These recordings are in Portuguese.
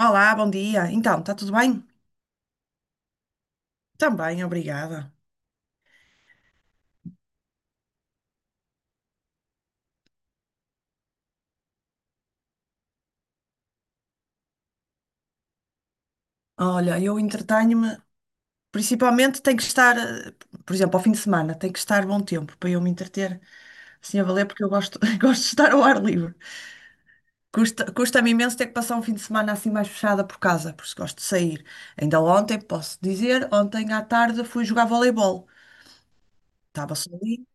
Olá, bom dia. Então, está tudo bem? Também, obrigada. Olha, eu entretenho-me, principalmente tenho que estar, por exemplo, ao fim de semana, tem que estar bom tempo para eu me entreter assim a valer, porque eu gosto, gosto de estar ao ar livre. Custa-me imenso ter que passar um fim de semana assim mais fechada por casa, porque gosto de sair. Ainda ontem, posso dizer, ontem à tarde fui jogar voleibol. Estava só ali,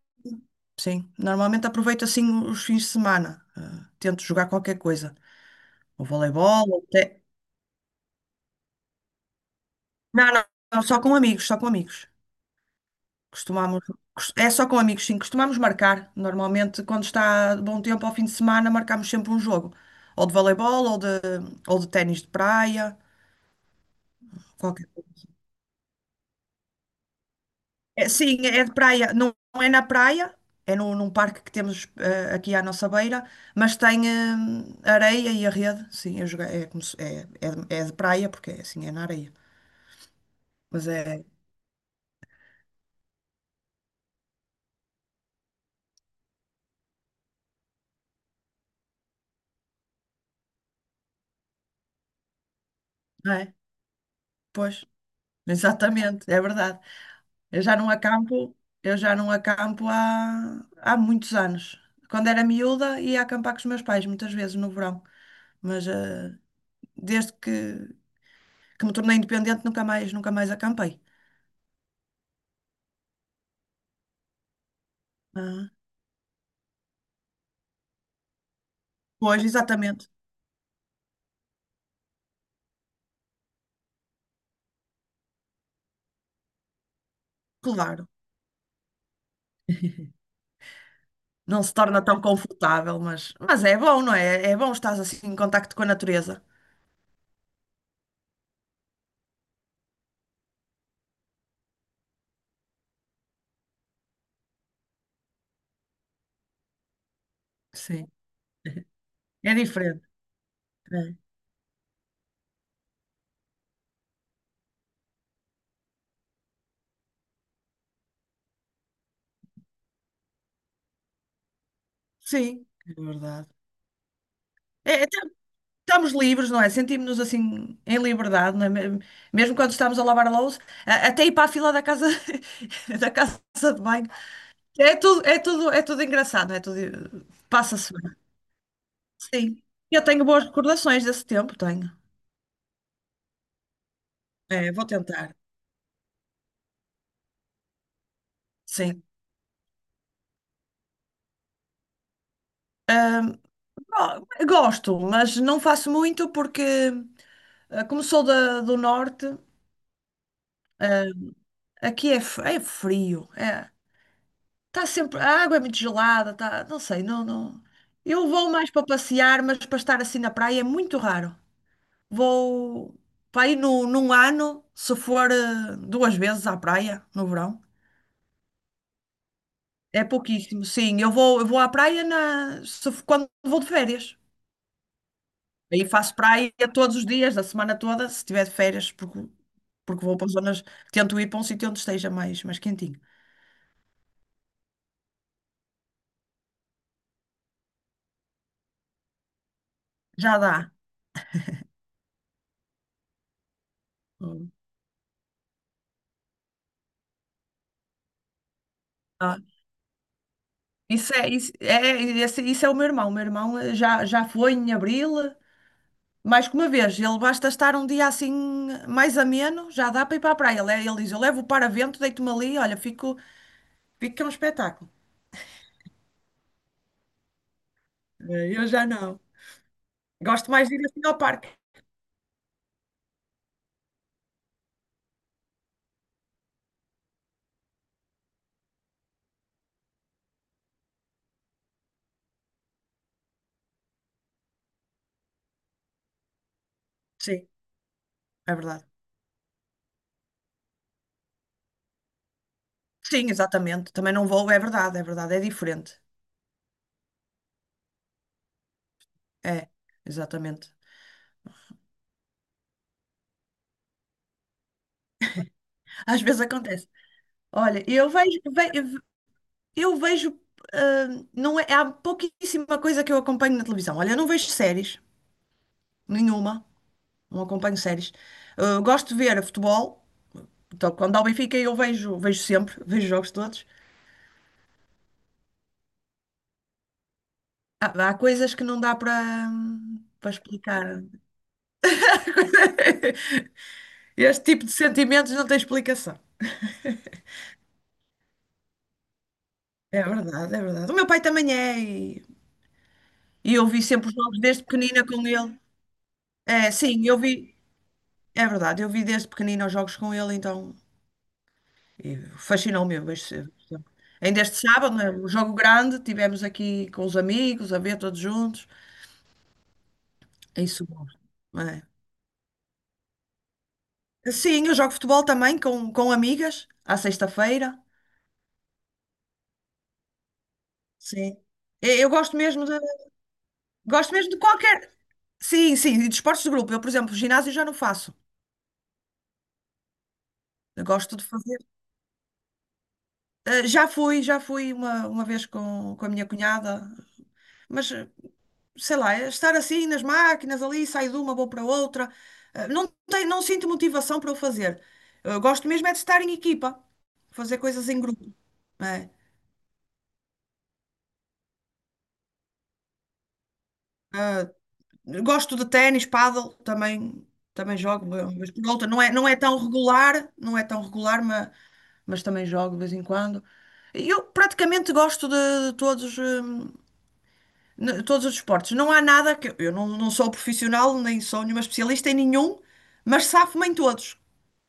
sim. Normalmente aproveito assim os fins de semana, tento jogar qualquer coisa. O voleibol, até. Não, não, não, só com amigos, só com amigos. Costumamos, É só com amigos, sim. Costumamos marcar. Normalmente, quando está bom tempo ao fim de semana, marcamos sempre um jogo. Ou de voleibol, ou de ténis de praia. Qualquer coisa. É, sim, é de praia. Não, não é na praia, é no, num parque que temos aqui à nossa beira, mas tem areia e a rede. Sim, é, como se- é, é de praia, porque é assim, é na areia. Mas é, não é? Pois, exatamente, é verdade. Eu já não acampo, eu já não acampo há muitos anos. Quando era miúda, ia acampar com os meus pais, muitas vezes no verão. Mas desde que, que me tornei independente, nunca mais, nunca mais acampei. Ah, pois, exatamente, claro. Não se torna tão confortável, mas é bom, não é? É bom estar assim em contacto com a natureza. Sim, é diferente. É. Sim, é verdade. É, estamos livres, não é? Sentimos-nos assim em liberdade, não é? Mesmo quando estamos a lavar a louça, até ir para a fila da casa, da casa de banho. É tudo, é tudo, é tudo engraçado, não é tudo passa-se bem. Sim. Eu tenho boas recordações desse tempo, tenho. É, vou tentar. Sim. Gosto, mas não faço muito porque como sou do norte, aqui é, é frio. É, está sempre. A água é muito gelada, tá, não sei, não, não. Eu vou mais para passear, mas para estar assim na praia é muito raro. Vou para ir no, num ano, se for duas vezes à praia no verão. É pouquíssimo, sim. Eu vou à praia na, se f- quando vou de férias. Aí faço praia todos os dias, da semana toda, se tiver de férias, porque vou para zonas, tento ir para um sítio onde esteja mais, mais quentinho. Já dá. Isso é o meu irmão. O meu irmão já foi em abril, mais que uma vez. Ele basta estar um dia assim mais ameno, já dá para ir para a praia. Ele, é, ele diz: Eu levo o paravento, deito-me ali, olha, fico, fico que é um espetáculo. Eu já não. Gosto mais de ir assim ao parque. Sim, é verdade. Sim, exatamente. Também não vou, é verdade, é verdade, é diferente. É, exatamente. Às vezes acontece. Olha, eu vejo, ah, não é, há pouquíssima coisa que eu acompanho na televisão. Olha, eu não vejo séries. Nenhuma. Não acompanho séries. Ah, gosto de ver futebol. Então, quando há o Benfica, eu vejo, vejo sempre, vejo jogos todos. Há coisas que não dá para explicar. Este tipo de sentimentos não tem explicação. É verdade, é verdade. O meu pai também é, e eu vi sempre os jogos desde pequenina com ele. É, sim, eu vi, é verdade, eu vi desde pequenina os jogos com ele, então e fascinou-me este, este tempo. Ainda este sábado, né, o jogo grande, tivemos aqui com os amigos, a ver todos juntos. É isso. Bom. É. Sim, eu jogo futebol também com amigas, à sexta-feira. Sim. E- Eu gosto mesmo de, Gosto mesmo de qualquer. Sim, sim, e de esportes de grupo. Eu, por exemplo, ginásio já não faço. Eu gosto de fazer. Já fui uma vez com a minha cunhada, mas sei lá, estar assim nas máquinas, ali saio de uma, vou para outra. Não tem, não sinto motivação para o fazer. Eu gosto mesmo é de estar em equipa, fazer coisas em grupo. Né? Gosto de ténis, pádel, também, também jogo, mas por outra. Não é, não é tão regular, não é tão regular, mas também jogo de vez em quando. Eu praticamente de todos, todos os esportes. Não há nada que eu não, não sou profissional, nem sou nenhuma especialista em nenhum, mas safo-me em todos.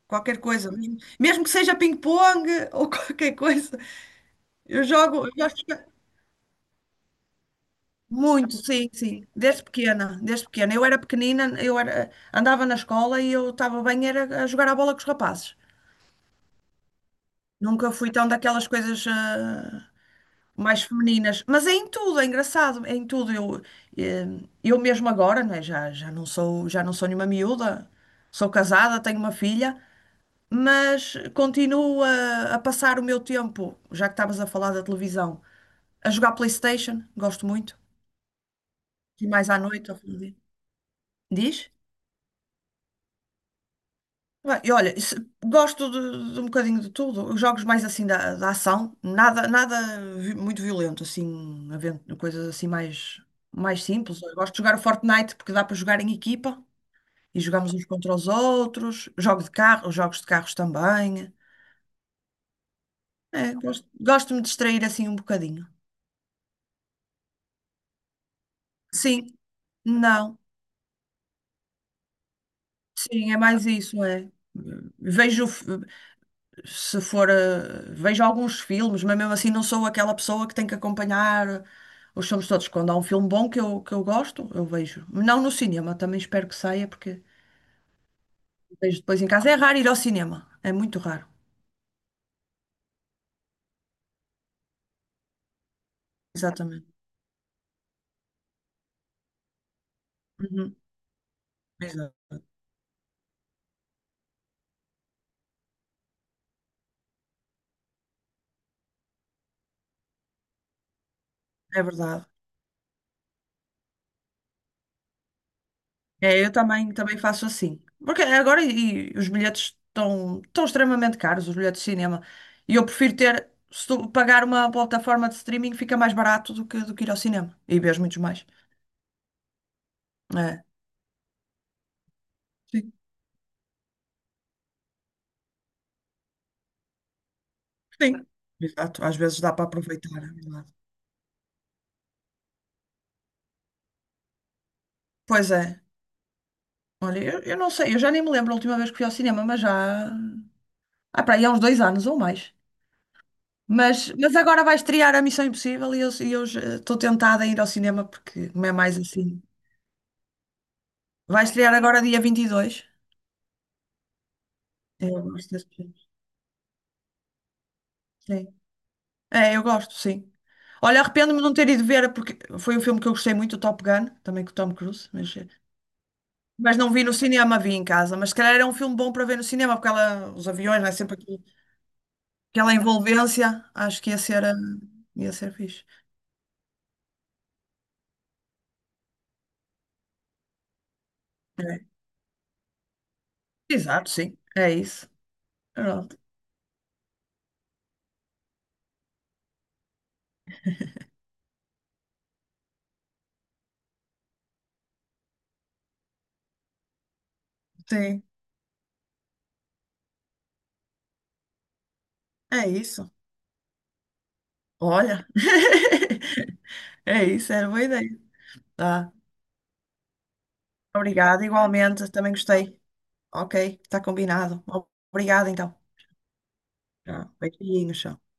Qualquer coisa, mesmo, mesmo que seja ping-pong ou qualquer coisa. Eu jogo, eu gosto de- Muito, sim, sim. Desde pequena, desde pequena. Eu era, andava na escola e eu estava bem era a jogar a bola com os rapazes. Nunca fui tão daquelas coisas mais femininas. Mas é em tudo, é engraçado, é em tudo. Eh, eu mesmo agora, não é? Já não sou, já não sou nenhuma miúda. Sou casada, tenho uma filha. Mas continuo a passar o meu tempo, já que estavas a falar da televisão, a jogar PlayStation, gosto muito, e mais à noite, ao fazer. Diz? Bem, E olha, se- gosto de um bocadinho de tudo, os jogos mais assim da ação, nada muito violento, assim, havendo coisas assim mais, mais simples. Eu gosto de jogar o Fortnite porque dá para jogar em equipa e jogamos uns contra os outros, jogo de carro, jogos de carros também. É, gosto, gosto de me distrair assim um bocadinho. Sim, não. Sim, é mais isso, é. Vejo, f- se for, eh, Vejo alguns filmes, mas mesmo assim não sou aquela pessoa que tem que acompanhar os filmes todos. Quando há um filme bom que eu gosto, eu vejo. Não no cinema, também espero que saia, porque vejo depois em casa. É raro ir ao cinema, é muito raro. Exatamente. Uhum, exato. É verdade. É, eu também, também faço assim. Porque agora os bilhetes estão, estão extremamente caros, os bilhetes de cinema. E eu prefiro ter, se tu pagar uma plataforma de streaming, fica mais barato do que ir ao cinema. E vês muitos mais. É. Sim, sim. Exato, às vezes dá para aproveitar. É verdade. Pois é. Olha, eu não sei, eu já nem me lembro a última vez que fui ao cinema, mas já. Ah, para aí há uns dois anos ou mais. Mas agora vai estrear a Missão Impossível e eu já estou tentada a ir ao cinema porque não é mais assim. Vai estrear agora dia 22. Eu gosto desse filme. Sim. É, eu gosto, sim. Olha, arrependo-me de não ter ido ver, porque foi um filme que eu gostei muito, o Top Gun, também com o Tom Cruise, mas não vi no cinema, vi em casa. Mas se calhar era um filme bom para ver no cinema, porque ela, os aviões, né, aquela envolvência, acho que ia ser, ia ser fixe. É. Exato, sim, é isso. Pronto. Sim, é isso. Olha, é isso, era boa ideia. Tá. Obrigada, igualmente, também gostei. Ok, está combinado. Obrigada, então. Tá. Beijinhos. Tchau.